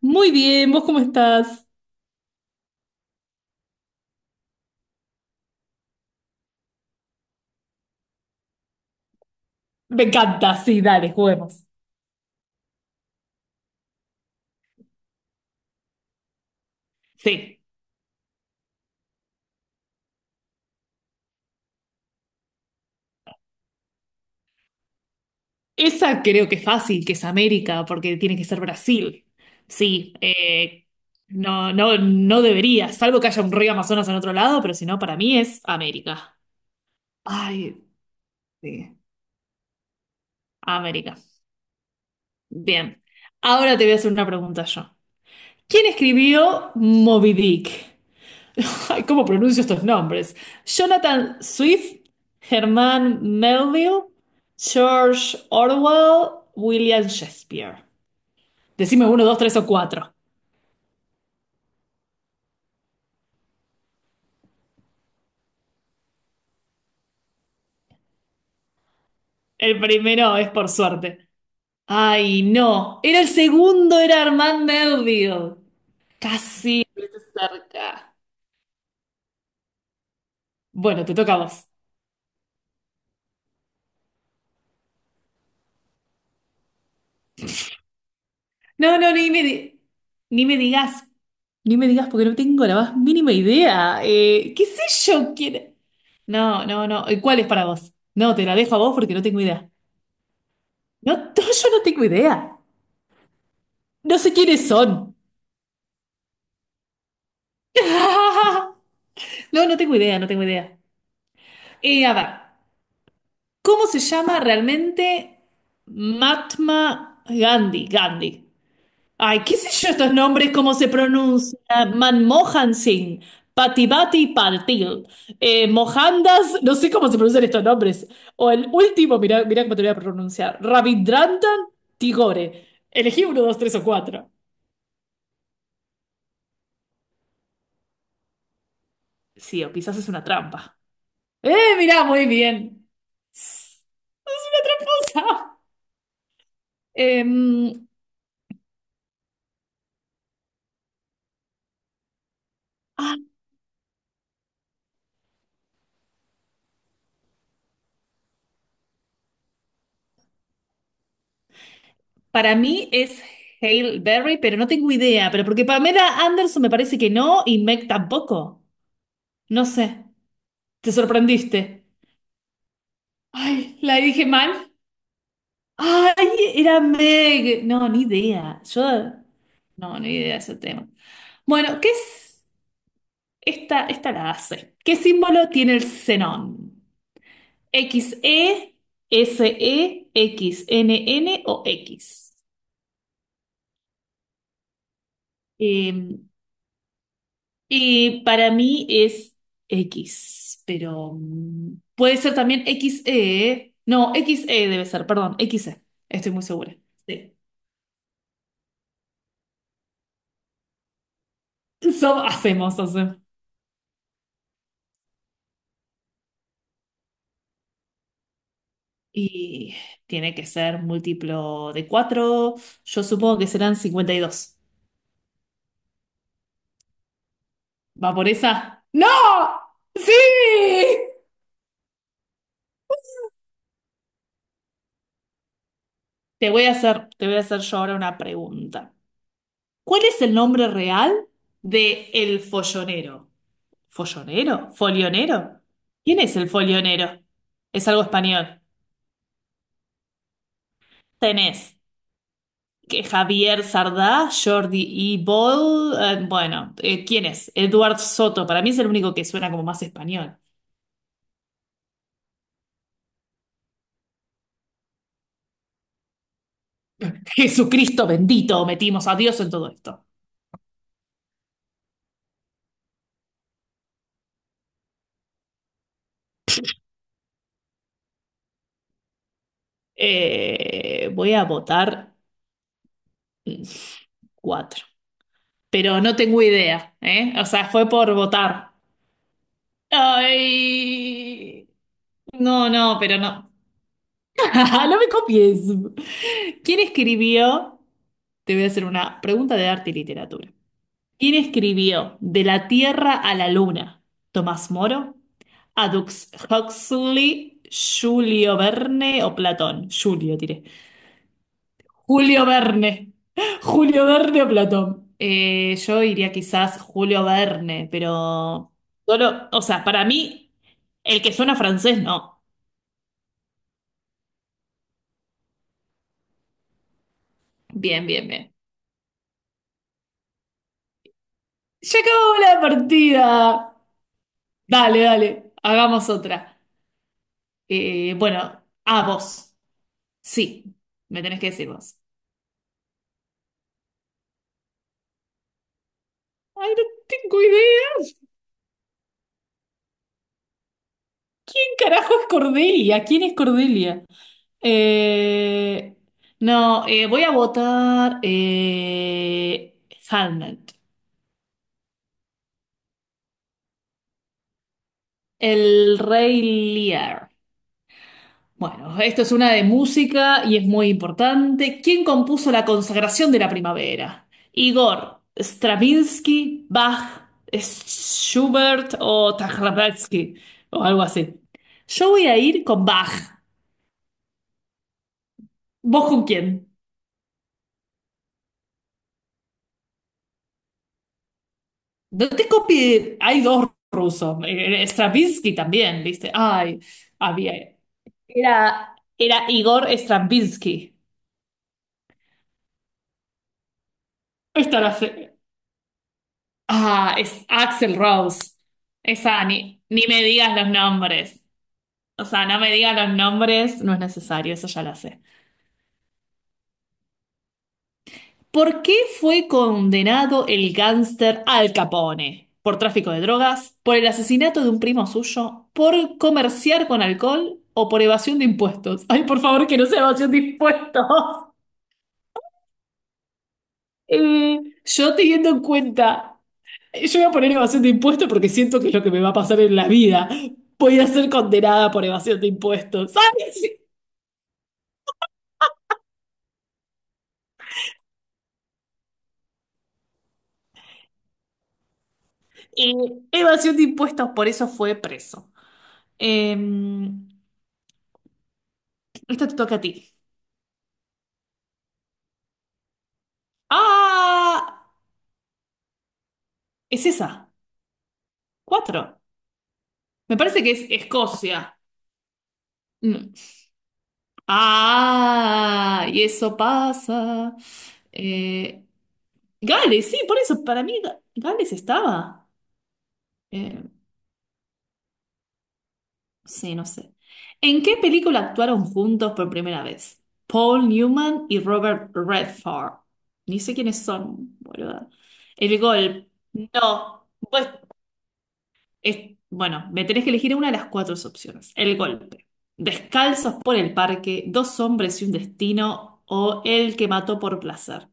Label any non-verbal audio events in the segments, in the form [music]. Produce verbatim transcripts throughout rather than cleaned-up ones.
Muy bien, ¿vos cómo estás? Me encanta, sí, dale, juguemos. Sí, esa creo que es fácil, que es América, porque tiene que ser Brasil. Sí, eh, no, no, no debería, salvo que haya un río Amazonas en otro lado, pero si no, para mí es América. Ay, sí, América. Bien, ahora te voy a hacer una pregunta yo. ¿Quién escribió Moby Dick? [laughs] Ay, ¿cómo pronuncio estos nombres? Jonathan Swift, Germán Melville, George Orwell, William Shakespeare. Decime uno, dos, tres o cuatro. El primero es por suerte. Ay, no. Era el segundo, era Germán Melville. Casi, estuviste cerca. Bueno, te toca a vos. No, no, ni me, di- ni me digas, ni me digas porque no tengo la más mínima idea. Eh, ¿qué sé yo? ¿Quién... No, no, no. ¿Y cuál es para vos? No, te la dejo a vos porque no tengo idea. No, [laughs] no, yo no tengo idea. No sé quiénes son. [laughs] No, no tengo idea, no tengo idea. Eh, a ver, ¿cómo se llama realmente Mahatma Gandhi? Gandhi. Ay, qué sé yo estos nombres, cómo se pronuncia. Manmohan Singh, Patibati Patil, eh, Mohandas, no sé cómo se pronuncian estos nombres. O el último, mirá, mirá cómo te voy a pronunciar, Rabindrandan Tigore. Elegí uno, dos, tres o cuatro. Sí, o quizás es una trampa. Eh, mirá, muy bien. Es una tramposa. Em, ah, para mí es Hail Berry, pero no tengo idea. Pero porque Pamela Anderson me parece que no y Meg tampoco. No sé, te sorprendiste. Ay, la dije mal. Ay, era Meg. No, ni idea. Yo, no, ni idea de ese tema. Bueno, ¿qué es? Esta, esta la hace. ¿Qué símbolo tiene el xenón? ¿equis e, ese e, n N o X? Eh, y para mí es X, pero mm, puede ser también equis e. No, equis e debe ser, perdón, equis e. Estoy muy segura. Sí. Sob hacemos, entonces. Y tiene que ser múltiplo de cuatro. Yo supongo que serán cincuenta y dos. ¿Va por esa? ¡No! ¡Sí! Te voy a hacer, te voy a hacer yo ahora una pregunta. ¿Cuál es el nombre real de el follonero? ¿Follonero? ¿Folionero? ¿Quién es el folionero? Es algo español. Tenés que Javier Sardá, Jordi E. Ball, eh, bueno, eh, ¿quién es? Eduard Soto, para mí es el único que suena como más español. [laughs] Jesucristo bendito, metimos a Dios en todo esto. Eh, voy a votar cuatro, pero no tengo idea, ¿eh? O sea, fue por votar. Ay, no, no, pero no. [laughs] No me copies. ¿Quién escribió? Te voy a hacer una pregunta de arte y literatura. ¿Quién escribió De la Tierra a la Luna? ¿Tomás Moro? ¿Adux Huxley? ¿Julio Verne o Platón? Julio, tiré. Julio Verne. [laughs] Julio Verne o Platón. Eh, yo diría quizás Julio Verne, pero solo, o sea, para mí, el que suena francés, no. Bien, bien, bien. ¡Ya acabó la partida! Dale, dale, hagamos otra. Eh, bueno, a vos. Sí, me tenés que decir vos. Ay, no tengo idea. ¿Quién carajo es Cordelia? ¿Quién es Cordelia? Eh, no, eh, voy a votar eh, Hamlet, el Rey Lear. Bueno, esto es una de música y es muy importante. ¿Quién compuso la consagración de la primavera? Igor, Stravinsky, Bach, Schubert o Stravinsky o algo así. Yo voy a ir con Bach. ¿Vos con quién? No te copies, hay dos rusos, eh, eh, Stravinsky también, ¿viste? Ay, había. Era, era Igor Stravinsky. Esta la fe- Ah, es Axel Rose. Esa, ni, ni me digas los nombres. O sea, no me digas los nombres, no es necesario, eso ya lo sé. ¿Por qué fue condenado el gángster Al Capone? ¿Por tráfico de drogas? ¿Por el asesinato de un primo suyo? ¿Por comerciar con alcohol? ¿O por evasión de impuestos? Ay, por favor, que no sea evasión de impuestos. [laughs] Eh, yo teniendo en cuenta, yo voy a poner evasión de impuestos porque siento que es lo que me va a pasar en la vida. Voy a ser condenada por evasión de impuestos, ¿sabes? Eh, Evasión de impuestos, por eso fue preso. Eh, Esto te toca a ti. ¡Ah! Es esa. Cuatro. Me parece que es Escocia. Mm. Ah, y eso pasa. Eh, Gales, sí, por eso, para mí Ga- Gales estaba. Eh, sí, no sé. ¿En qué película actuaron juntos por primera vez? Paul Newman y Robert Redford. Ni sé quiénes son, boluda. El gol. No. Pues Es- bueno, me tenés que elegir una de las cuatro opciones. El golpe. Descalzos por el parque, dos hombres y un destino, o el que mató por placer.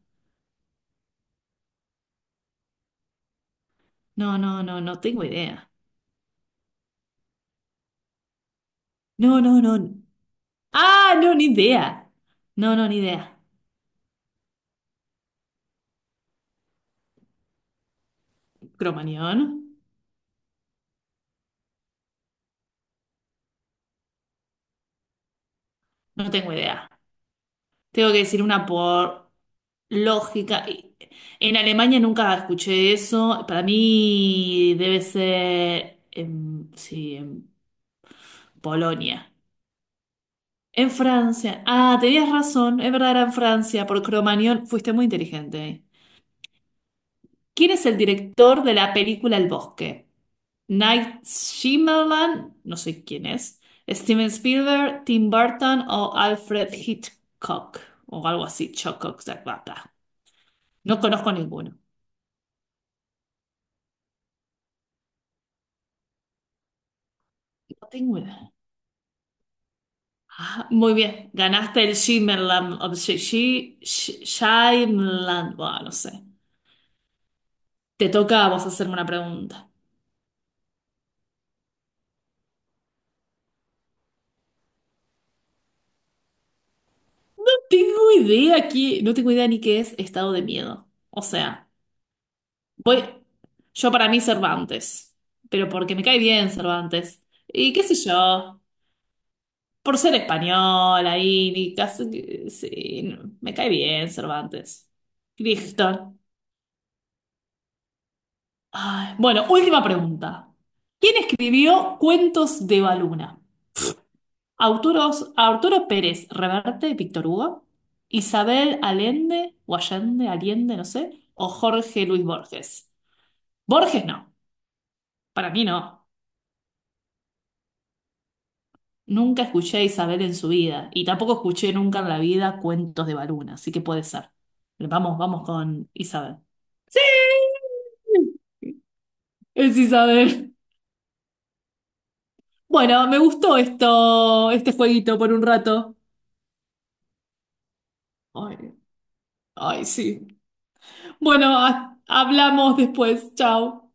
No, no, no, no tengo idea. No, no, no. Ah, no, ni idea. No, no, ni idea. Cromañón. No tengo idea. Tengo que decir una por lógica. Y- En Alemania nunca escuché eso. Para mí debe ser, em, sí, en Polonia. En Francia. Ah, tenías razón. Es verdad, era en Francia. Por Cromañón. Fuiste muy inteligente. ¿Quién es el director de la película El Bosque? Night Shyamalan, no sé quién es. Steven Spielberg, Tim Burton o Alfred Hitchcock. O algo así. Chococ, zac, ba, ba. No conozco ninguno. No tengo idea. Ah, muy bien. Ganaste el Shyamalan. O Sh- Sh- Sh- Shyamalan. Bueno, no sé. Te toca a vos hacerme una pregunta. Tengo idea aquí, no tengo idea ni qué es estado de miedo. O sea, voy, yo para mí Cervantes, pero porque me cae bien Cervantes. Y qué sé yo, por ser español ahí, ni casi, sí, no, me cae bien Cervantes. Cristo. Ay, bueno, última pregunta. ¿Quién escribió Cuentos de Baluna? Autoros, Arturo Pérez Reverte, Víctor Hugo, Isabel Allende, o Allende, Allende, no sé, o Jorge Luis Borges. Borges no, para mí no. Nunca escuché a Isabel en su vida y tampoco escuché nunca en la vida cuentos de Baluna, así que puede ser. Pero vamos, vamos con Isabel. ¡Sí! Es Isabel. Bueno, me gustó esto, este jueguito por un rato. Ay, ay, sí. Bueno, ha- hablamos después. Chao.